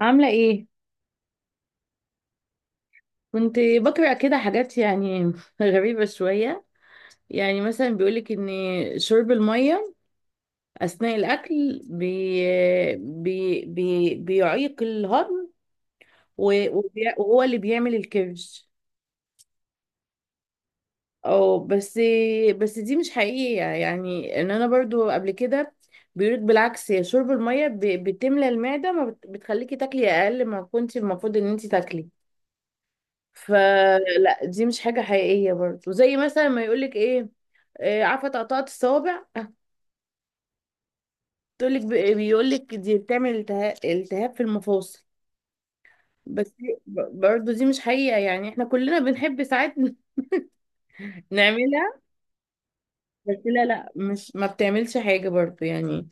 عاملة ايه؟ كنت بقرأ كده حاجات يعني غريبة شوية. يعني مثلا بيقولك ان شرب المية اثناء الاكل بي بي بي بيعيق الهضم وهو اللي بيعمل الكرش. او بس بس دي مش حقيقية، يعني ان انا برضو قبل كده بيقولك بالعكس، يا شرب المية بتملى المعدة، ما بت- بتخليكي تاكلي اقل ما كنت المفروض ان انت تاكلي. فلا، دي مش حاجة حقيقية، برضو زي مثلا ما يقولك ايه، عارفه تقطعة الصوابع، هتقولك بيقولك دي بتعمل التهاب في المفاصل. بس برضه دي مش حقيقة، يعني احنا كلنا بنحب ساعات نعملها، بس لا لا، مش ما بتعملش حاجة برضه يعني.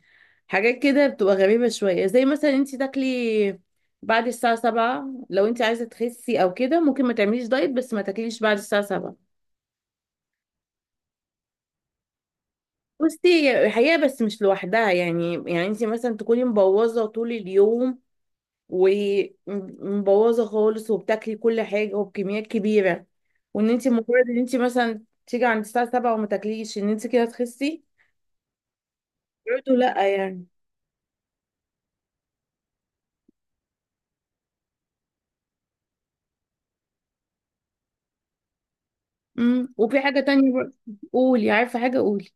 حاجات كده بتبقى غريبة شوية، زي مثلا انت تاكلي بعد الساعة سبعة، لو انت عايزة تخسي او كده ممكن ما تعمليش دايت بس ما تاكليش بعد الساعة سبعة. بصي، هي حقيقة بس مش لوحدها، يعني انت مثلا تكوني مبوظة طول اليوم ومبوظه خالص وبتاكلي كل حاجه وبكميات كبيره، وان انت مجرد ان انت مثلا تيجي عند الساعه 7 وما تاكليش ان انت كده تخسي، برضه لا يعني. وفي حاجه تانية برضه. قولي، عارفه حاجه، قولي.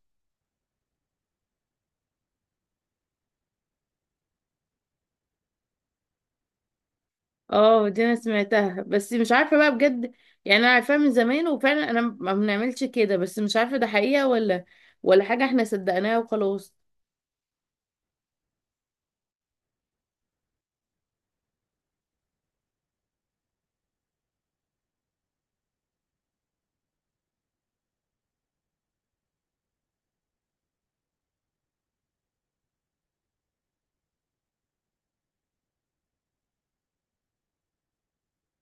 اه دي انا سمعتها بس مش عارفه بقى بجد، يعني انا عارفاها من زمان وفعلا انا ما بنعملش كده، بس مش عارفه ده حقيقه ولا ولا حاجه احنا صدقناها وخلاص.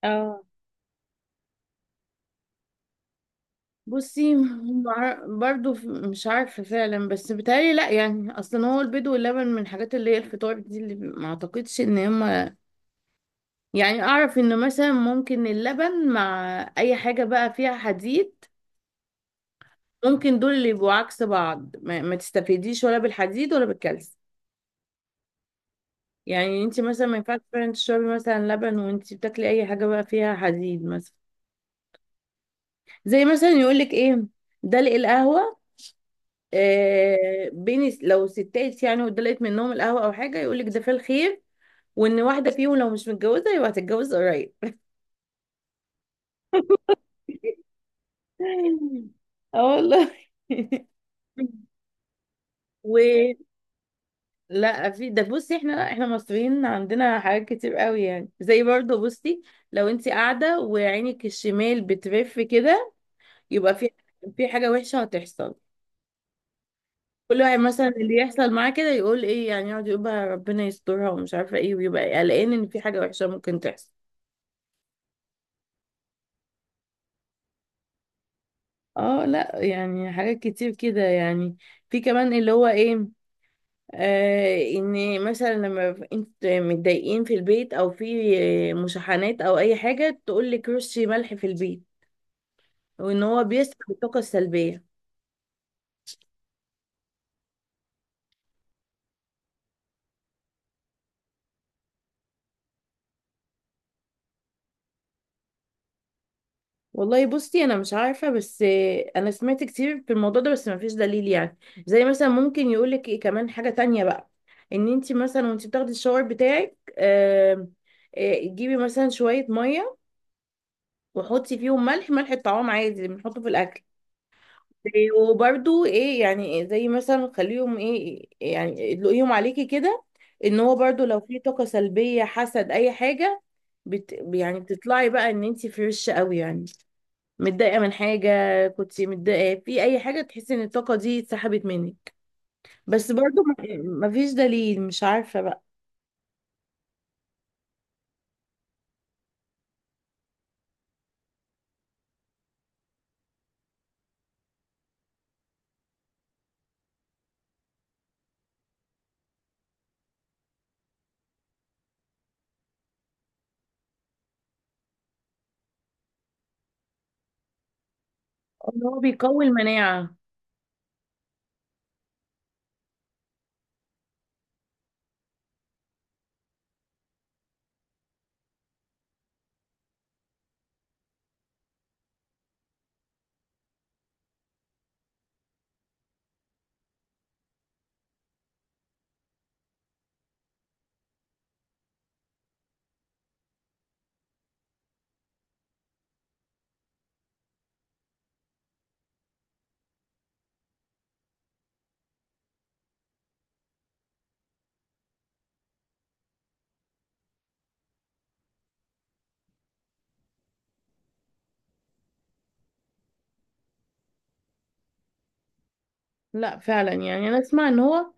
اه، بصي، مش عارفة فعلا، بس بتهيألي لأ، يعني أصلا هو البيض واللبن من الحاجات اللي هي الفطار دي اللي ما أعتقدش إن هما، يعني أعرف إن مثلا ممكن اللبن مع أي حاجة بقى فيها حديد، ممكن دول اللي يبقوا عكس بعض، ما تستفيديش ولا بالحديد ولا بالكالسيوم. يعني انت مثلا ما ينفعش فعلا تشربي مثلا لبن وانت بتاكلي أي حاجة بقى فيها حديد مثلا. زي مثلا يقولك إيه، دلق القهوة، بين لو ستات يعني ودلقت منهم القهوة أو حاجة يقولك ده في الخير، وإن واحدة فيهم لو مش متجوزة يبقى هتتجوز قريب. اه والله. و لا في ده، بصي احنا مصريين، عندنا حاجات كتير قوي، يعني زي برضو بصي، لو انت قاعده وعينك الشمال بترف كده، يبقى في حاجه وحشه هتحصل. كل واحد مثلا اللي يحصل معاه كده يقول ايه، يعني يقعد يقول بقى ربنا يسترها ومش عارفه ايه، ويبقى قلقان ان في حاجه وحشه ممكن تحصل. اه لا، يعني حاجات كتير كده يعني. في كمان اللي هو ايه، آه، ان مثلا انت متضايقين في البيت او في مشاحنات او اي حاجه تقول لك رشي ملح في البيت، وان هو بيسحب الطاقه السلبيه. والله بصي، انا مش عارفه، بس انا سمعت كتير في الموضوع ده بس ما فيش دليل يعني. زي مثلا ممكن يقول لك ايه كمان حاجه تانية بقى، ان انت مثلا وانت بتاخدي الشاور بتاعك تجيبي مثلا شويه ميه وحطي فيهم ملح، ملح الطعام عادي اللي بنحطه في الاكل، وبرده ايه يعني، زي مثلا خليهم ايه يعني ادلقيهم عليكي كده، ان هو برده لو في طاقة سلبية حسد اي حاجة، يعني بتطلعي بقى ان انت فريش قوي يعني. متضايقة من حاجة، كنت متضايقة في اي حاجة، تحسي ان الطاقة دي اتسحبت منك. بس برضو مفيش دليل، مش عارفة بقى. ان هو بيقوي المناعة. لا فعلا، يعني انا اسمع ان هو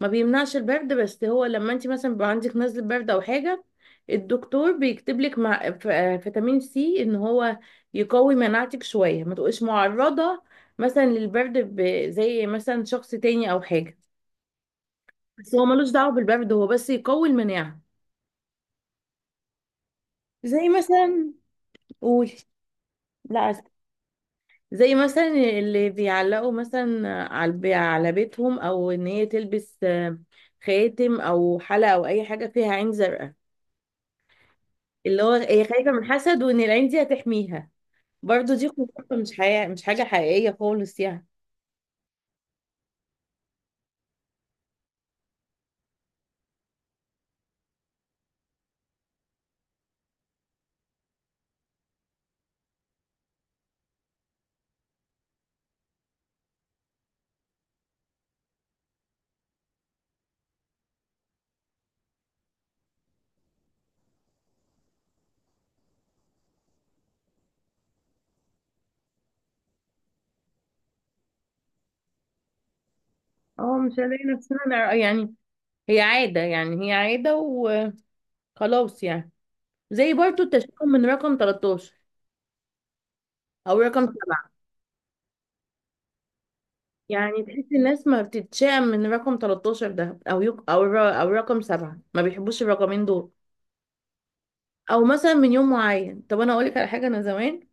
ما بيمنعش البرد، بس هو لما انت مثلا بيبقى عندك نزله برد او حاجه الدكتور بيكتب لك مع فيتامين سي ان هو يقوي مناعتك شويه ما تبقيش معرضه مثلا للبرد، زي مثلا شخص تاني او حاجه. بس هو ملوش دعوه بالبرد، هو بس يقوي المناعه. زي مثلا، قولي. لا أسف. زي مثلا اللي بيعلقوا مثلا على بيتهم او ان هي تلبس خاتم او حلقه او اي حاجه فيها عين زرقاء، اللي هو هي خايفة من الحسد وان العين دي هتحميها. برضو دي خرافة، مش حقيقة، مش حاجة حقيقية خالص يعني. اه، مش هنلاقي نفسنا يعني هي عادة، يعني هي عادة وخلاص يعني. زي برضو التشاؤم من رقم 13 او رقم 7. يعني تحس الناس ما بتتشائم من رقم 13 ده او يق... او الر... او رقم 7، ما بيحبوش الرقمين دول، او مثلا من يوم معين. طب انا اقول لك على حاجة، انا زمان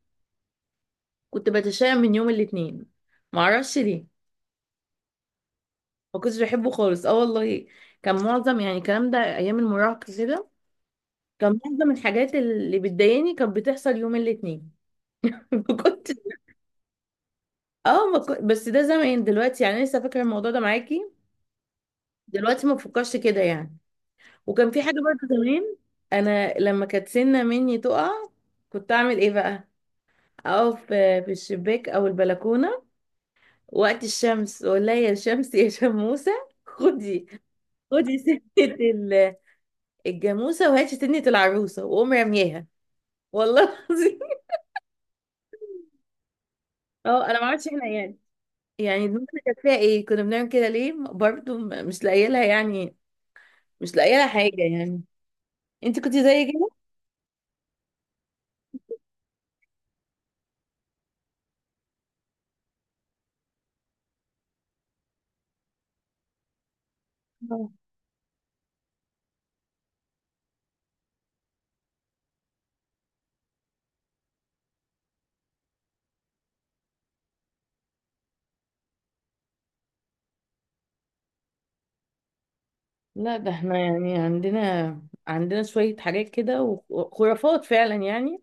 كنت بتشائم من يوم الاثنين، معرفش ليه، ما كنتش بحبه خالص، اه والله. كان معظم يعني الكلام ده ايام المراهقه كده، كان معظم الحاجات اللي بتضايقني كانت بتحصل يوم الاثنين. ما كنت، اه ما كنت، بس ده زمان، دلوقتي يعني لسه فاكره الموضوع ده معاكي، دلوقتي ما بفكرش كده يعني. وكان في حاجه برضه زمان، انا لما كانت سنه مني تقع كنت اعمل ايه بقى، اقف في الشباك او البلكونه وقت الشمس واقول لها: يا شمس يا شموسه، خدي خدي سنه الجاموسه، وهي شتنت العروسه وقوم رمياها، والله العظيم. اه انا ما عملتش احنا يعني، يعني دماغنا كانت فيها ايه، كنا بنعمل كده ليه برضو، مش لاقيه لها يعني، مش لاقيه لها حاجه يعني. انت كنت زي كده؟ آه. لا، ده احنا يعني عندنا شويه حاجات كده وخرافات فعلا يعني،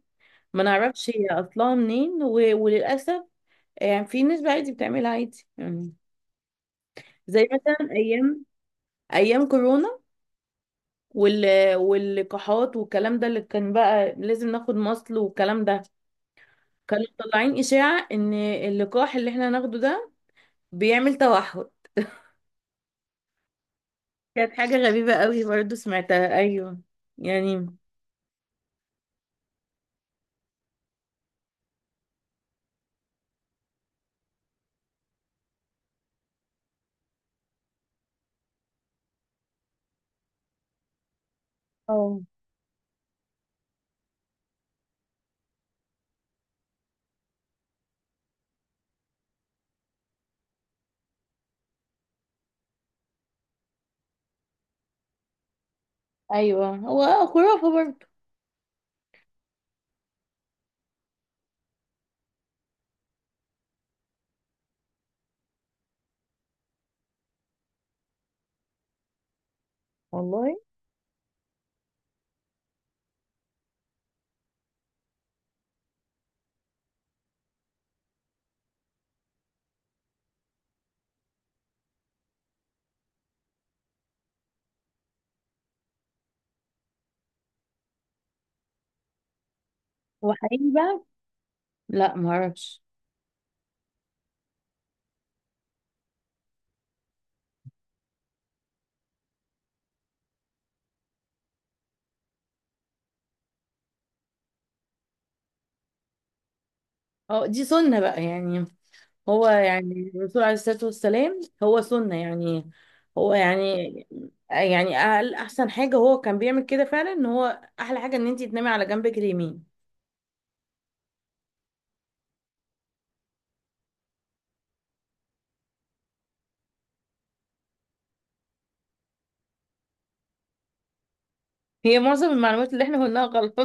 ما نعرفش هي اصلها منين و... وللاسف يعني في ناس عادي بتعملها عادي يعني. زي مثلا ايام كورونا وال... واللقاحات والكلام ده اللي كان بقى لازم ناخد مصل والكلام ده، كانوا مطلعين إشاعة إن اللقاح اللي احنا ناخده ده بيعمل توحد. كانت حاجة غريبة قوي برضو سمعتها، أيوه يعني. اه ايوه، هو خرافة برضه. والله هو حقيقي بقى؟ لا معرفش. اه دي سنة بقى يعني، هو يعني الرسول عليه الصلاة والسلام هو سنة يعني، هو يعني يعني أقل أحسن حاجة هو كان بيعمل كده فعلا، إن هو أحلى حاجة إن أنتي تنامي على جنبك اليمين. هي معظم المعلومات اللي إحنا قلناها غلط،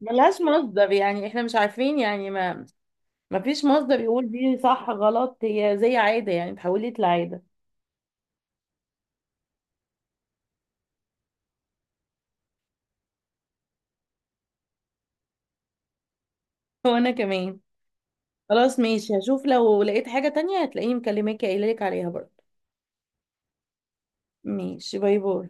ملهاش مصدر يعني، إحنا مش عارفين يعني، ما فيش مصدر يقول دي صح غلط، هي زي عادة يعني اتحولت لعادة. وأنا كمان. خلاص ماشي، هشوف لو لقيت حاجة تانية هتلاقيني مكلماكي قايلة لك عليها برضه. ماشي، باي باي.